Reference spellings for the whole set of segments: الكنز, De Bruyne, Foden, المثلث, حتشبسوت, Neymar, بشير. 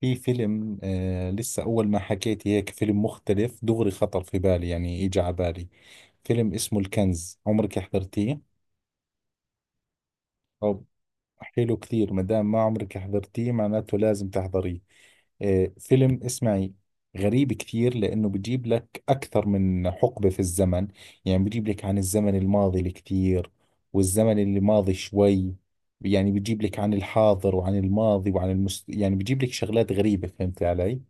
في فيلم لسه أول ما حكيت هيك فيلم مختلف دغري خطر في بالي، يعني إجا على بالي. فيلم اسمه الكنز، عمرك حضرتيه؟ أو حلو كثير، ما دام ما عمرك حضرتيه معناته لازم تحضريه. فيلم، اسمعي، غريب كثير لأنه بجيب لك أكثر من حقبة في الزمن. يعني بجيب لك عن الزمن الماضي الكثير، والزمن اللي ماضي شوي. يعني بجيب لك عن الحاضر وعن الماضي يعني بجيب لك شغلات غريبة، فهمت علي؟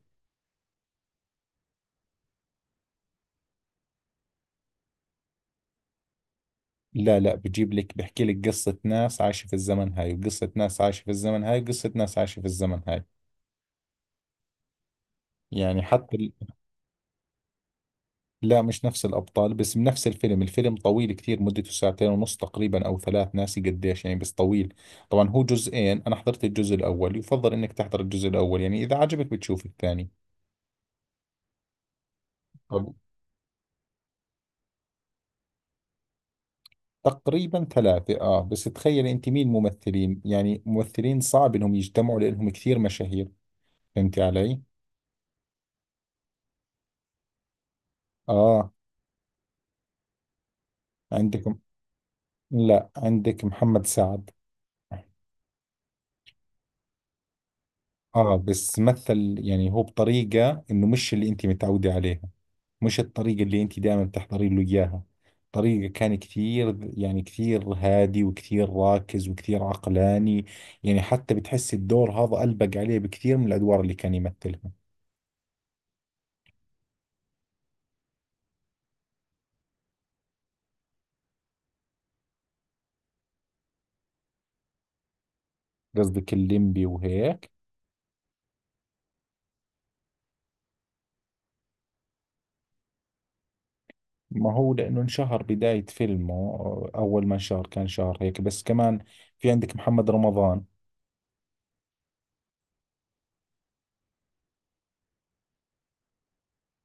لا، لا، بجيب لك بحكي لك قصة ناس عايشة في الزمن هاي، وقصة ناس عايشة في الزمن هاي، وقصة ناس عايشة في الزمن هاي. يعني حتى لا، مش نفس الأبطال بس بنفس الفيلم طويل كتير، مدته ساعتين ونص تقريبا أو ثلاث، ناسي قديش، يعني بس طويل. طبعا هو جزئين. أنا حضرت الجزء الأول. يفضل إنك تحضر الجزء الأول، يعني إذا عجبك بتشوف الثاني. طب، تقريبا ثلاثة. بس تخيل أنت مين ممثلين، يعني ممثلين صعب إنهم يجتمعوا لأنهم كثير مشاهير، فهمتي علي؟ آه. عندكم. لا، عندك محمد سعد. اه، بس مثل، يعني هو بطريقة انه مش اللي انت متعودة عليها. مش الطريقة اللي انت دائما بتحضري له اياها. طريقة كان كثير، يعني كثير هادي وكثير راكز وكثير عقلاني. يعني حتى بتحس الدور هذا ألبق عليه بكثير من الأدوار اللي كان يمثلها. قصدك الليمبي وهيك؟ ما هو لأنه انشهر بداية فيلمه. أول ما انشهر كان شهر هيك بس، كمان في عندك محمد رمضان.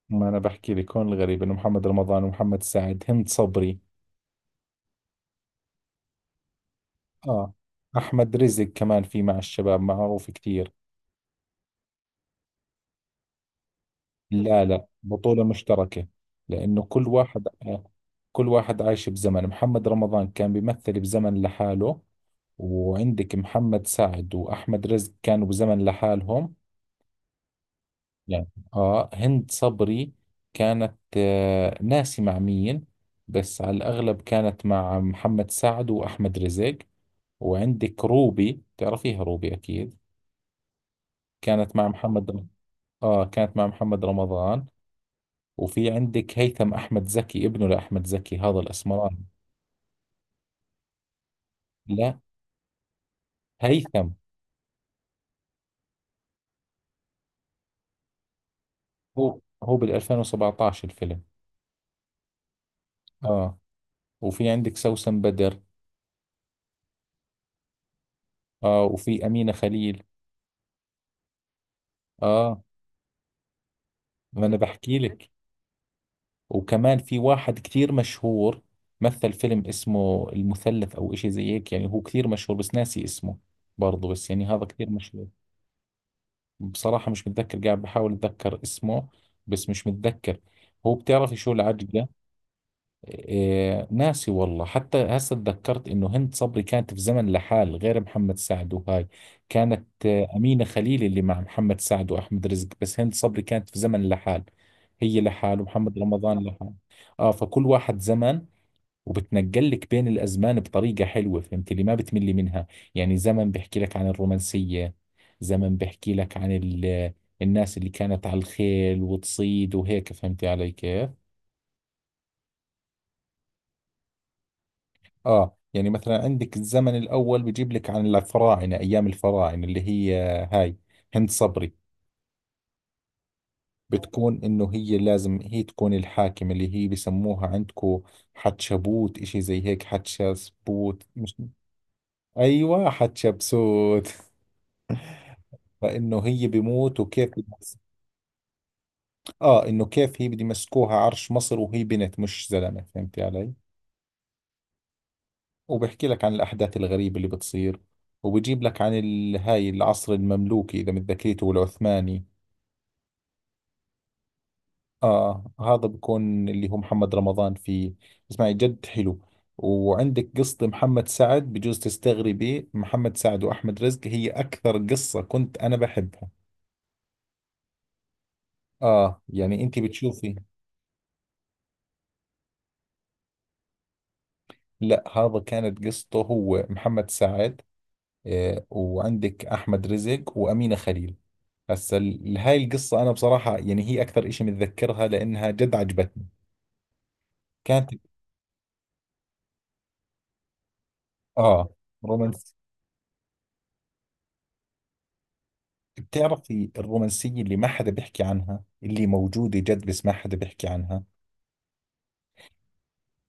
ما انا بحكي لك، هون الغريب انه محمد رمضان ومحمد سعد هند صبري. اه، احمد رزق كمان في مع الشباب، معروف كثير. لا، لا، بطولة مشتركة. لانه كل واحد، كل واحد عايش بزمن. محمد رمضان كان بيمثل بزمن لحاله. وعندك محمد سعد واحمد رزق كانوا بزمن لحالهم. يعني هند صبري كانت، ناسي مع مين، بس على الاغلب كانت مع محمد سعد واحمد رزق. وعندك روبي، تعرفيها روبي أكيد. كانت مع محمد رم- كانت مع محمد رمضان. وفي عندك هيثم أحمد زكي، ابنه لأحمد زكي، هذا الأسمراني. لا، هيثم. هو بال 2017 الفيلم. آه. وفي عندك سوسن بدر. آه. وفي أمينة خليل. آه. ما أنا بحكي لك. وكمان في واحد كثير مشهور. مثل فيلم اسمه المثلث أو إشي زي هيك، يعني هو كثير مشهور بس ناسي اسمه. برضه، بس يعني هذا كثير مشهور. بصراحة مش متذكر، قاعد بحاول أتذكر اسمه. بس مش متذكر. هو بتعرفي شو العجقة. إيه، ناسي والله. حتى هسه تذكرت إنه هند صبري كانت في زمن لحال غير محمد سعد وهاي. كانت أمينة خليل اللي مع محمد سعد وأحمد رزق. بس هند صبري كانت في زمن لحال. هي لحال، ومحمد رمضان لحال. فكل واحد زمن. وبتنقلك بين الأزمان بطريقة حلوة، فهمت اللي ما بتملي منها. يعني زمن بحكي لك عن الرومانسية. زمن بحكي لك الناس اللي كانت على الخيل وتصيد وهيك، فهمتي علي كيف؟ آه. يعني مثلا عندك الزمن الأول بجيب لك عن الفراعنة، أيام الفراعنة اللي هي، هاي، هند صبري، بتكون إنه هي لازم هي تكون الحاكمة اللي هي بسموها عندكو حتشبوت، إشي زي هيك، حتشبسوت، مش؟ أيوة، حتشبسوت. فانه هي بيموت، وكيف اه، انه كيف هي بده يمسكوها عرش مصر وهي بنت مش زلمه، فهمتي علي؟ وبحكي لك عن الاحداث الغريبه اللي بتصير. وبجيب لك هاي العصر المملوكي اذا متذكريته والعثماني. اه، هذا بكون اللي هو محمد رمضان فيه. اسمعي، جد حلو. وعندك قصة محمد سعد، بجوز تستغربي، محمد سعد وأحمد رزق هي أكثر قصة كنت أنا بحبها. آه، يعني أنت بتشوفي. لا، هذا كانت قصته، هو محمد سعد. وعندك احمد رزق وامينه خليل. هسا هاي القصه انا بصراحه، يعني هي اكثر إشي متذكرها لانها جد عجبتني. كانت. اه، رومانس. بتعرفي الرومانسيه اللي ما حدا بيحكي عنها، اللي موجوده جد بس ما حدا بيحكي عنها.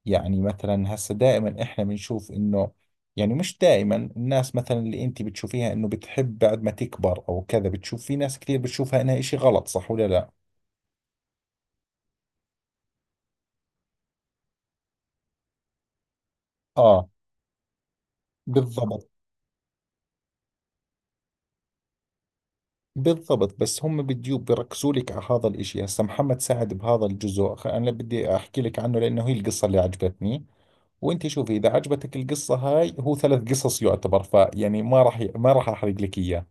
يعني مثلا، هسا دائما احنا بنشوف انه، يعني مش دائما. الناس مثلا اللي انت بتشوفيها انه بتحب بعد ما تكبر او كذا، بتشوف في ناس كثير بتشوفها انها إشي غلط، صح ولا لا؟ اه. بالضبط. بالضبط، بس هم بديوب بيركزوا لك على هذا الاشي. هسا محمد سعد بهذا الجزء انا بدي احكي لك عنه لانه هي القصة اللي عجبتني. وانت شوفي اذا عجبتك القصة هاي، هو ثلاث قصص يعتبر، فيعني ما راح ما راح احرق لك اياه.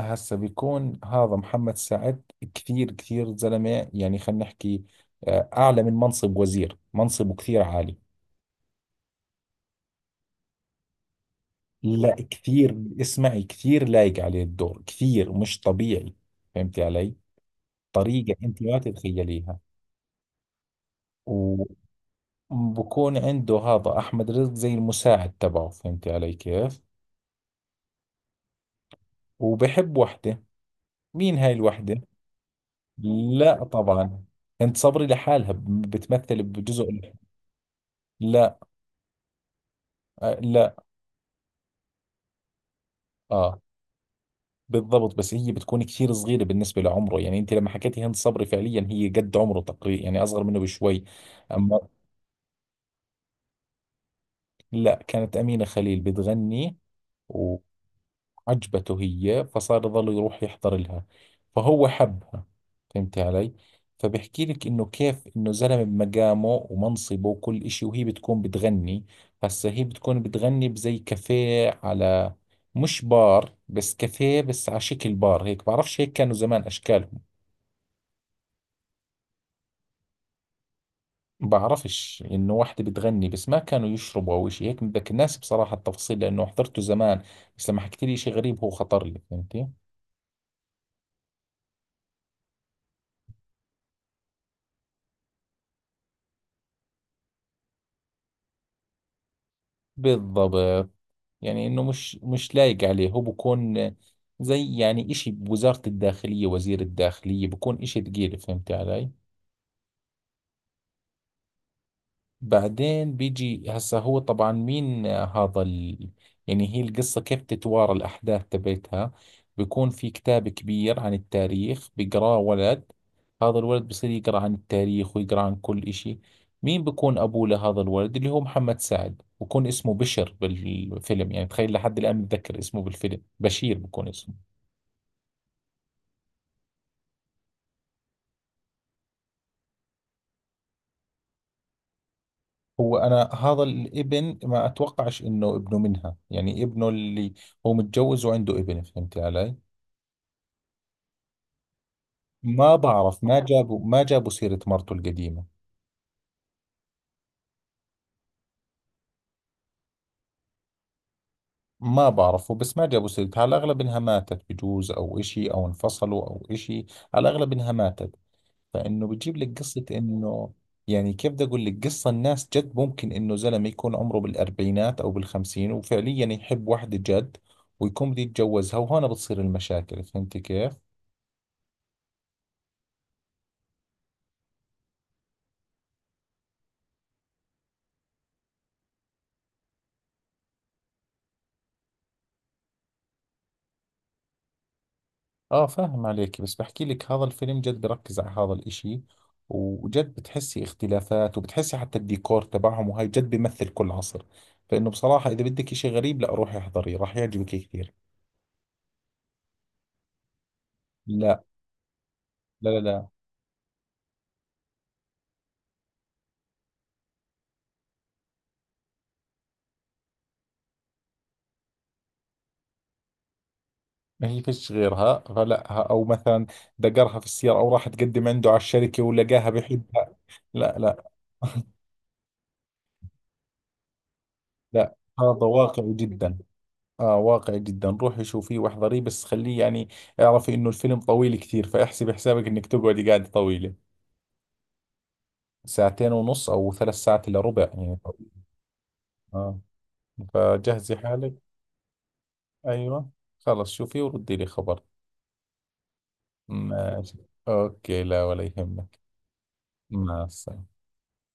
هسا بيكون هذا محمد سعد. كثير كثير زلمة، يعني خلينا نحكي، اعلى من منصب وزير، منصبه كثير عالي. لا، كثير. اسمعي، كثير لايق عليه الدور، كثير مش طبيعي. فهمتي علي؟ طريقة انت ما تتخيليها. بكون عنده هذا أحمد رزق زي المساعد تبعه، فهمتي علي كيف؟ وبحب وحدة. مين هاي الوحدة؟ لا، طبعا. انت صبري لحالها بتمثل بجزء. لا. آه، لا. اه، بالضبط. بس هي بتكون كثير صغيرة بالنسبة لعمره. يعني انت لما حكيتي هند صبري فعليا هي قد عمره تقريبا، يعني اصغر منه بشوي. اما، لا، كانت أمينة خليل بتغني و... عجبته هي، فصار يظل يروح يحضر لها. فهو حبها. فهمتي علي؟ فبحكي لك انه كيف انه زلمه بمقامه ومنصبه وكل اشي، وهي بتكون بتغني. هسا هي بتكون بتغني بزي كافيه، على، مش بار، بس كافيه بس على شكل بار هيك، بعرفش هيك كانوا زمان اشكالهم. بعرفش، انه واحدة بتغني بس ما كانوا يشربوا او اشي هيك بتذكر، الناس بصراحة التفاصيل لانه حضرته زمان. بس لما حكيت لي اشي غريب، هو خطر لي، فهمتي؟ بالضبط. يعني انه مش لايق عليه، هو بكون زي يعني اشي بوزارة الداخلية، وزير الداخلية بكون اشي ثقيل، فهمت علي؟ بعدين بيجي هسه، هو طبعا مين، يعني هي القصة، كيف تتوارى الأحداث تبعتها. بيكون في كتاب كبير عن التاريخ بيقراه ولد. هذا الولد بصير يقرأ عن التاريخ ويقرأ عن كل إشي. مين بيكون أبوه لهذا الولد؟ اللي هو محمد سعد، بكون اسمه بشر بالفيلم، يعني تخيل لحد الآن متذكر اسمه بالفيلم بشير بكون اسمه. هو أنا هذا الابن ما أتوقعش إنه ابنه منها، يعني ابنه اللي هو متجوز وعنده ابن، فهمت علي؟ ما بعرف، ما جابوا سيرة مرته القديمة. ما بعرفه، بس ما جابوا سيرتها. على الأغلب إنها ماتت بجوز، أو إشي، أو انفصلوا، أو إشي. على الأغلب إنها ماتت. فإنه بجيب لك قصة إنه، يعني كيف بدي أقول لك، قصة الناس جد ممكن إنه زلمة يكون عمره بالأربعينات أو بالخمسين وفعليا يحب واحدة جد، ويكون بده يتجوزها، وهون بتصير المشاكل، فهمتي كيف؟ اه، فاهم عليك. بس بحكي لك هذا الفيلم جد بركز على هذا الاشي. وجد بتحسي اختلافات، وبتحسي حتى الديكور تبعهم وهاي جد بيمثل كل عصر. فانه بصراحة اذا بدك اشي غريب، لا، روحي احضريه، راح يعجبك كثير. لا. لا، لا، لا. ما هي فيش غيرها، فلا، او مثلا دقرها في السيارة، او راح تقدم عنده على الشركة ولقاها بحبها. لا، لا. لا، هذا واقعي جدا. اه، واقعي جدا. روحي شوفيه واحضريه، بس خليه يعني اعرفي انه الفيلم طويل كثير، فاحسبي حسابك انك تقعدي قاعدة طويلة. ساعتين ونص او ثلاث ساعات الا ربع، يعني. اه، فجهزي حالك. ايوه. خلص، شوفي وردي لي خبر. ماشي. اوكي، لا ولا يهمك. مع السلامة.